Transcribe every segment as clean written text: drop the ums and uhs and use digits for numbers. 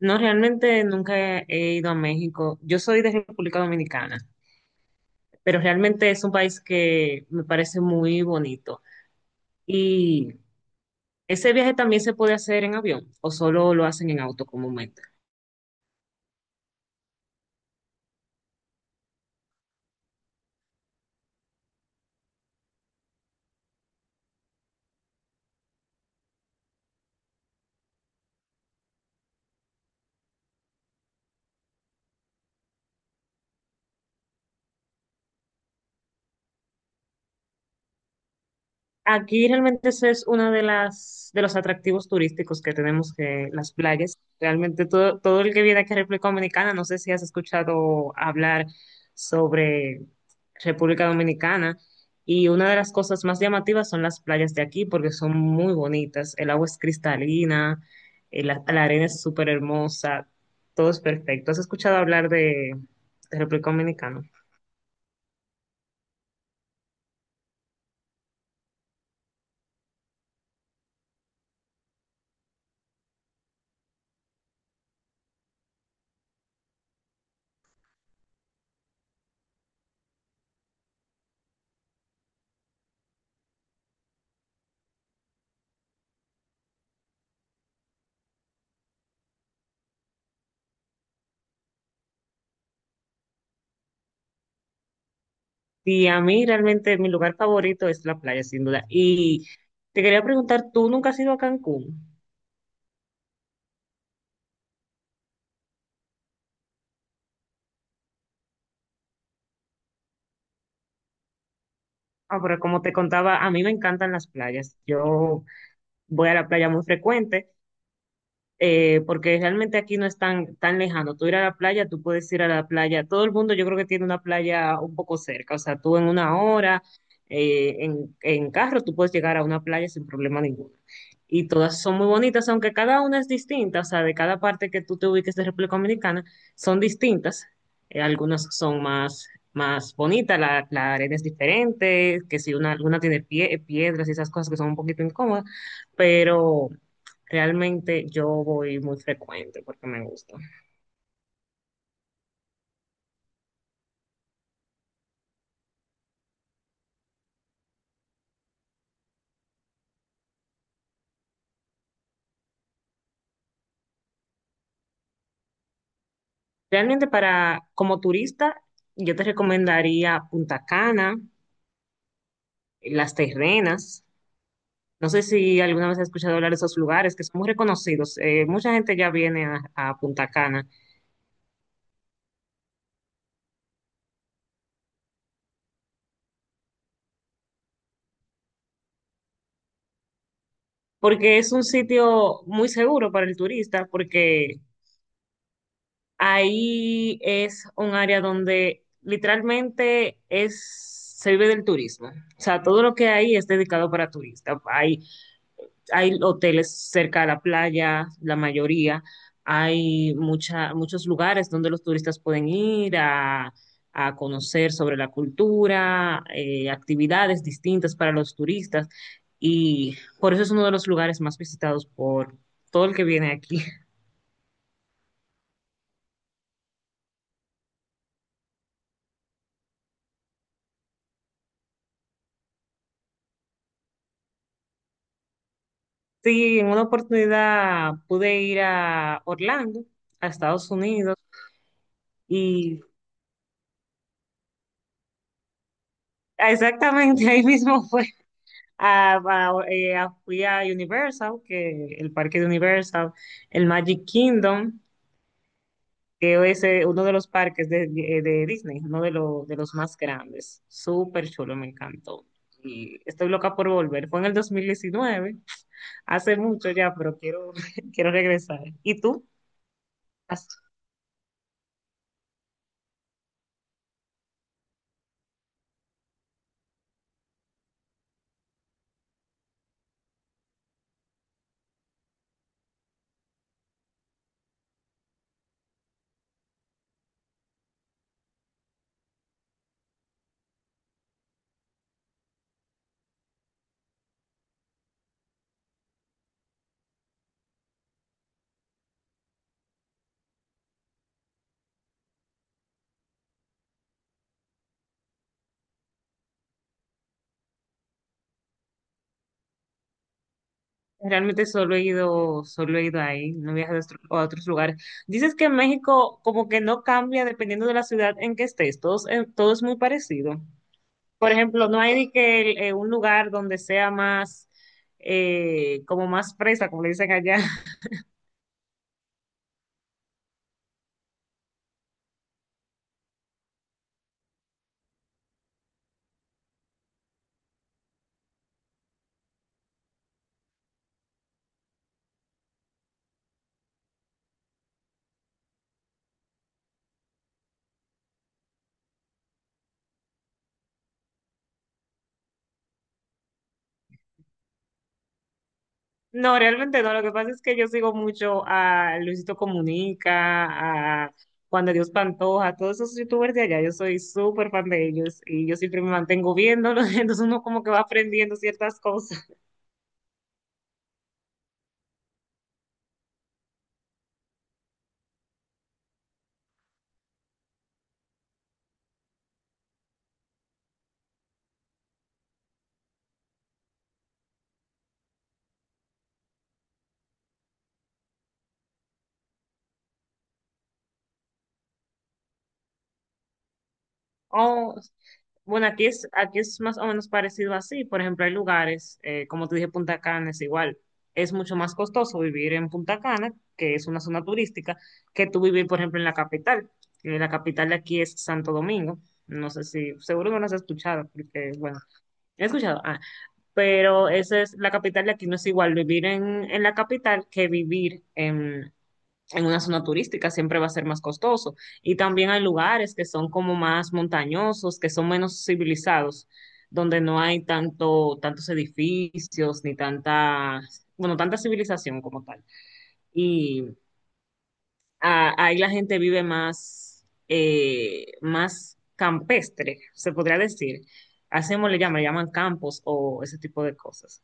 No, realmente nunca he ido a México. Yo soy de República Dominicana, pero realmente es un país que me parece muy bonito. Y ese viaje también se puede hacer en avión o solo lo hacen en auto comúnmente. Aquí realmente eso es uno de los atractivos turísticos que tenemos, que las playas. Realmente todo el que viene aquí a República Dominicana, no sé si has escuchado hablar sobre República Dominicana, y una de las cosas más llamativas son las playas de aquí, porque son muy bonitas. El agua es cristalina, la arena es súper hermosa, todo es perfecto. ¿Has escuchado hablar de República Dominicana? Sí, a mí realmente mi lugar favorito es la playa, sin duda. Y te quería preguntar, ¿tú nunca has ido a Cancún? Ah, pero como te contaba, a mí me encantan las playas. Yo voy a la playa muy frecuente, porque realmente aquí no es tan lejano. Tú ir a la playa, tú puedes ir a la playa. Todo el mundo yo creo que tiene una playa un poco cerca. O sea, tú en una hora, en, carro, tú puedes llegar a una playa sin problema ninguno. Y todas son muy bonitas, aunque cada una es distinta. O sea, de cada parte que tú te ubiques de República Dominicana, son distintas. Algunas son más bonitas, la arena es diferente, que si alguna tiene piedras y esas cosas que son un poquito incómodas. Pero realmente yo voy muy frecuente porque me gusta. Realmente, para, como turista, yo te recomendaría Punta Cana, Las Terrenas. No sé si alguna vez has escuchado hablar de esos lugares que son muy reconocidos. Mucha gente ya viene a, Punta Cana porque es un sitio muy seguro para el turista, porque ahí es un área donde literalmente se vive del turismo. O sea, todo lo que hay es dedicado para turistas. Hay hoteles cerca de la playa, la mayoría. Hay muchos lugares donde los turistas pueden ir a conocer sobre la cultura, actividades distintas para los turistas. Y por eso es uno de los lugares más visitados por todo el que viene aquí. Sí, en una oportunidad pude ir a Orlando, a Estados Unidos, y exactamente ahí mismo fue A, a- fui a Universal, que el parque de Universal, el Magic Kingdom, que es, uno de los parques de Disney, uno de los más grandes. Súper chulo, me encantó. Y estoy loca por volver. Fue en el 2019, hace mucho ya, pero quiero, quiero regresar. ¿Y tú? ¿Has- Realmente solo he ido ahí, no he viajado a a otros lugares. Dices que en México como que no cambia dependiendo de la ciudad en que estés, todo es muy parecido. Por ejemplo, no hay ni que, un lugar donde sea como más fresa, como le dicen allá. No, realmente no. Lo que pasa es que yo sigo mucho a Luisito Comunica, a Juan de Dios Pantoja, todos esos youtubers de allá. Yo soy súper fan de ellos y yo siempre me mantengo viéndolos. Entonces uno como que va aprendiendo ciertas cosas. Oh, bueno, aquí es más o menos parecido así. Por ejemplo, hay lugares, como te dije, Punta Cana es igual. Es mucho más costoso vivir en Punta Cana, que es una zona turística, que tú vivir, por ejemplo, en la capital. La capital de aquí es Santo Domingo. No sé seguro no lo has escuchado, porque, bueno, he escuchado. Ah, pero esa es la capital de aquí, no es igual vivir en, la capital que vivir en una zona turística. Siempre va a ser más costoso. Y también hay lugares que son como más montañosos, que son menos civilizados, donde no hay tantos edificios ni bueno, tanta civilización como tal. Y ahí la gente vive más campestre, se podría decir. Le llaman campos o ese tipo de cosas.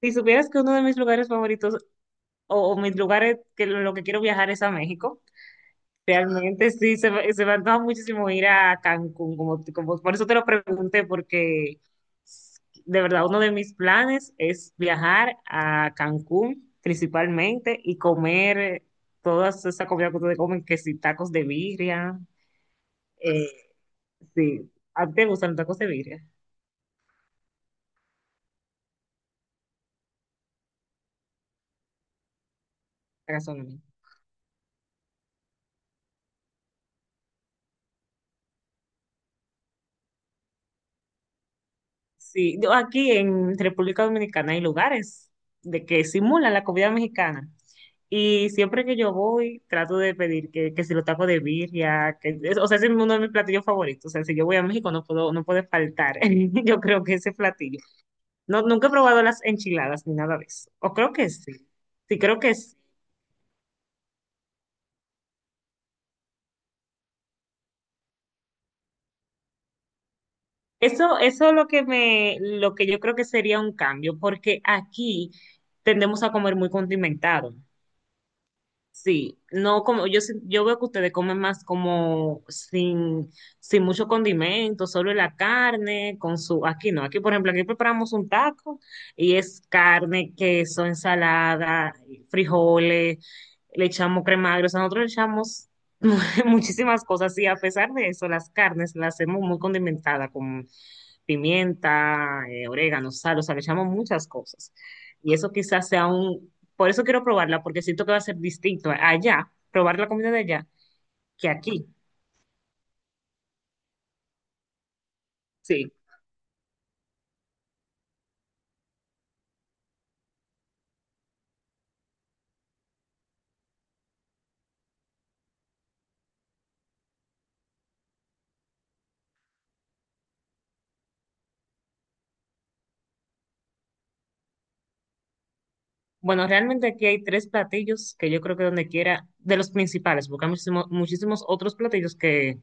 Si supieras que uno de mis lugares favoritos, o mis lugares que lo que quiero viajar es a México. Realmente sí, se me antoja muchísimo ir a Cancún, por eso te lo pregunté, porque de verdad uno de mis planes es viajar a Cancún principalmente y comer toda esa comida que ustedes comen, que si tacos de birria, eh, sí. ¿A ti te gustan los tacos de birria? La gastronomía. Sí, yo aquí en República Dominicana hay lugares de que simulan la comida mexicana. Y siempre que yo voy, trato de pedir que, si los tacos de birria, o sea, ese es uno de mis platillos favoritos. O sea, si yo voy a México no puedo, no puede faltar. Yo creo que ese platillo. No, nunca he probado las enchiladas ni nada de eso. O creo que sí. Sí, creo que sí. Eso es lo que yo creo que sería un cambio, porque aquí tendemos a comer muy condimentado. Sí, no como yo, yo veo que ustedes comen más como sin mucho condimento, solo la carne con su, aquí no, aquí por ejemplo, aquí preparamos un taco y es carne, queso, ensalada, frijoles, le echamos crema agria. O sea, nosotros le echamos muchísimas cosas, y a pesar de eso las carnes las hacemos muy condimentadas con pimienta, orégano, sal, o sea, le echamos muchas cosas. Y eso quizás sea un por eso quiero probarla, porque siento que va a ser distinto allá, probar la comida de allá, que aquí. Sí. Bueno, realmente aquí hay tres platillos que yo creo que donde quiera, de los principales, porque hay muchísimos otros platillos que,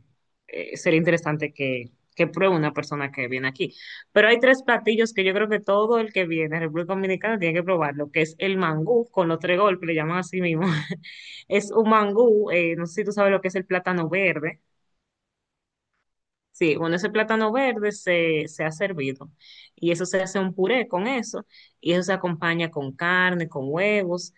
sería interesante que pruebe una persona que viene aquí. Pero hay tres platillos que yo creo que todo el que viene a República Dominicana tiene que probarlo, que es el mangú con los tres golpes, le llaman así mismo. Es un mangú, no sé si tú sabes lo que es el plátano verde. Sí, bueno, ese plátano verde se ha servido, y eso se hace un puré con eso, y eso se acompaña con carne, con huevos,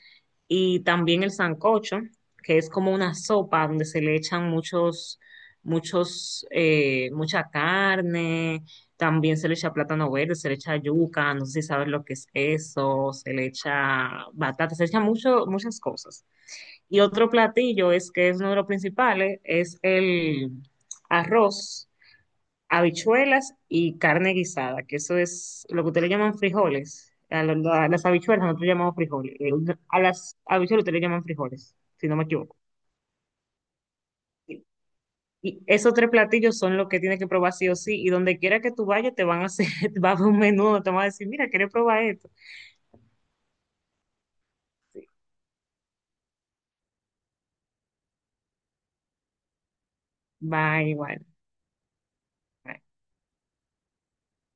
y también el sancocho, que es como una sopa donde se le echan mucha carne, también se le echa plátano verde, se le echa yuca, no sé si sabes lo que es eso, se le echa batata, se le echa muchas cosas. Y otro platillo, es que es uno de los principales, es el arroz, habichuelas y carne guisada, que eso es lo que ustedes le llaman frijoles. A las habichuelas nosotros llamamos frijoles. A las habichuelas ustedes le llaman frijoles, si no me equivoco. Y y esos tres platillos son los que tienes que probar sí o sí. Y donde quiera que tú vayas, te van a hacer, va a haber un menú, te van a decir, mira, ¿quieres probar esto? Sí. Va igual.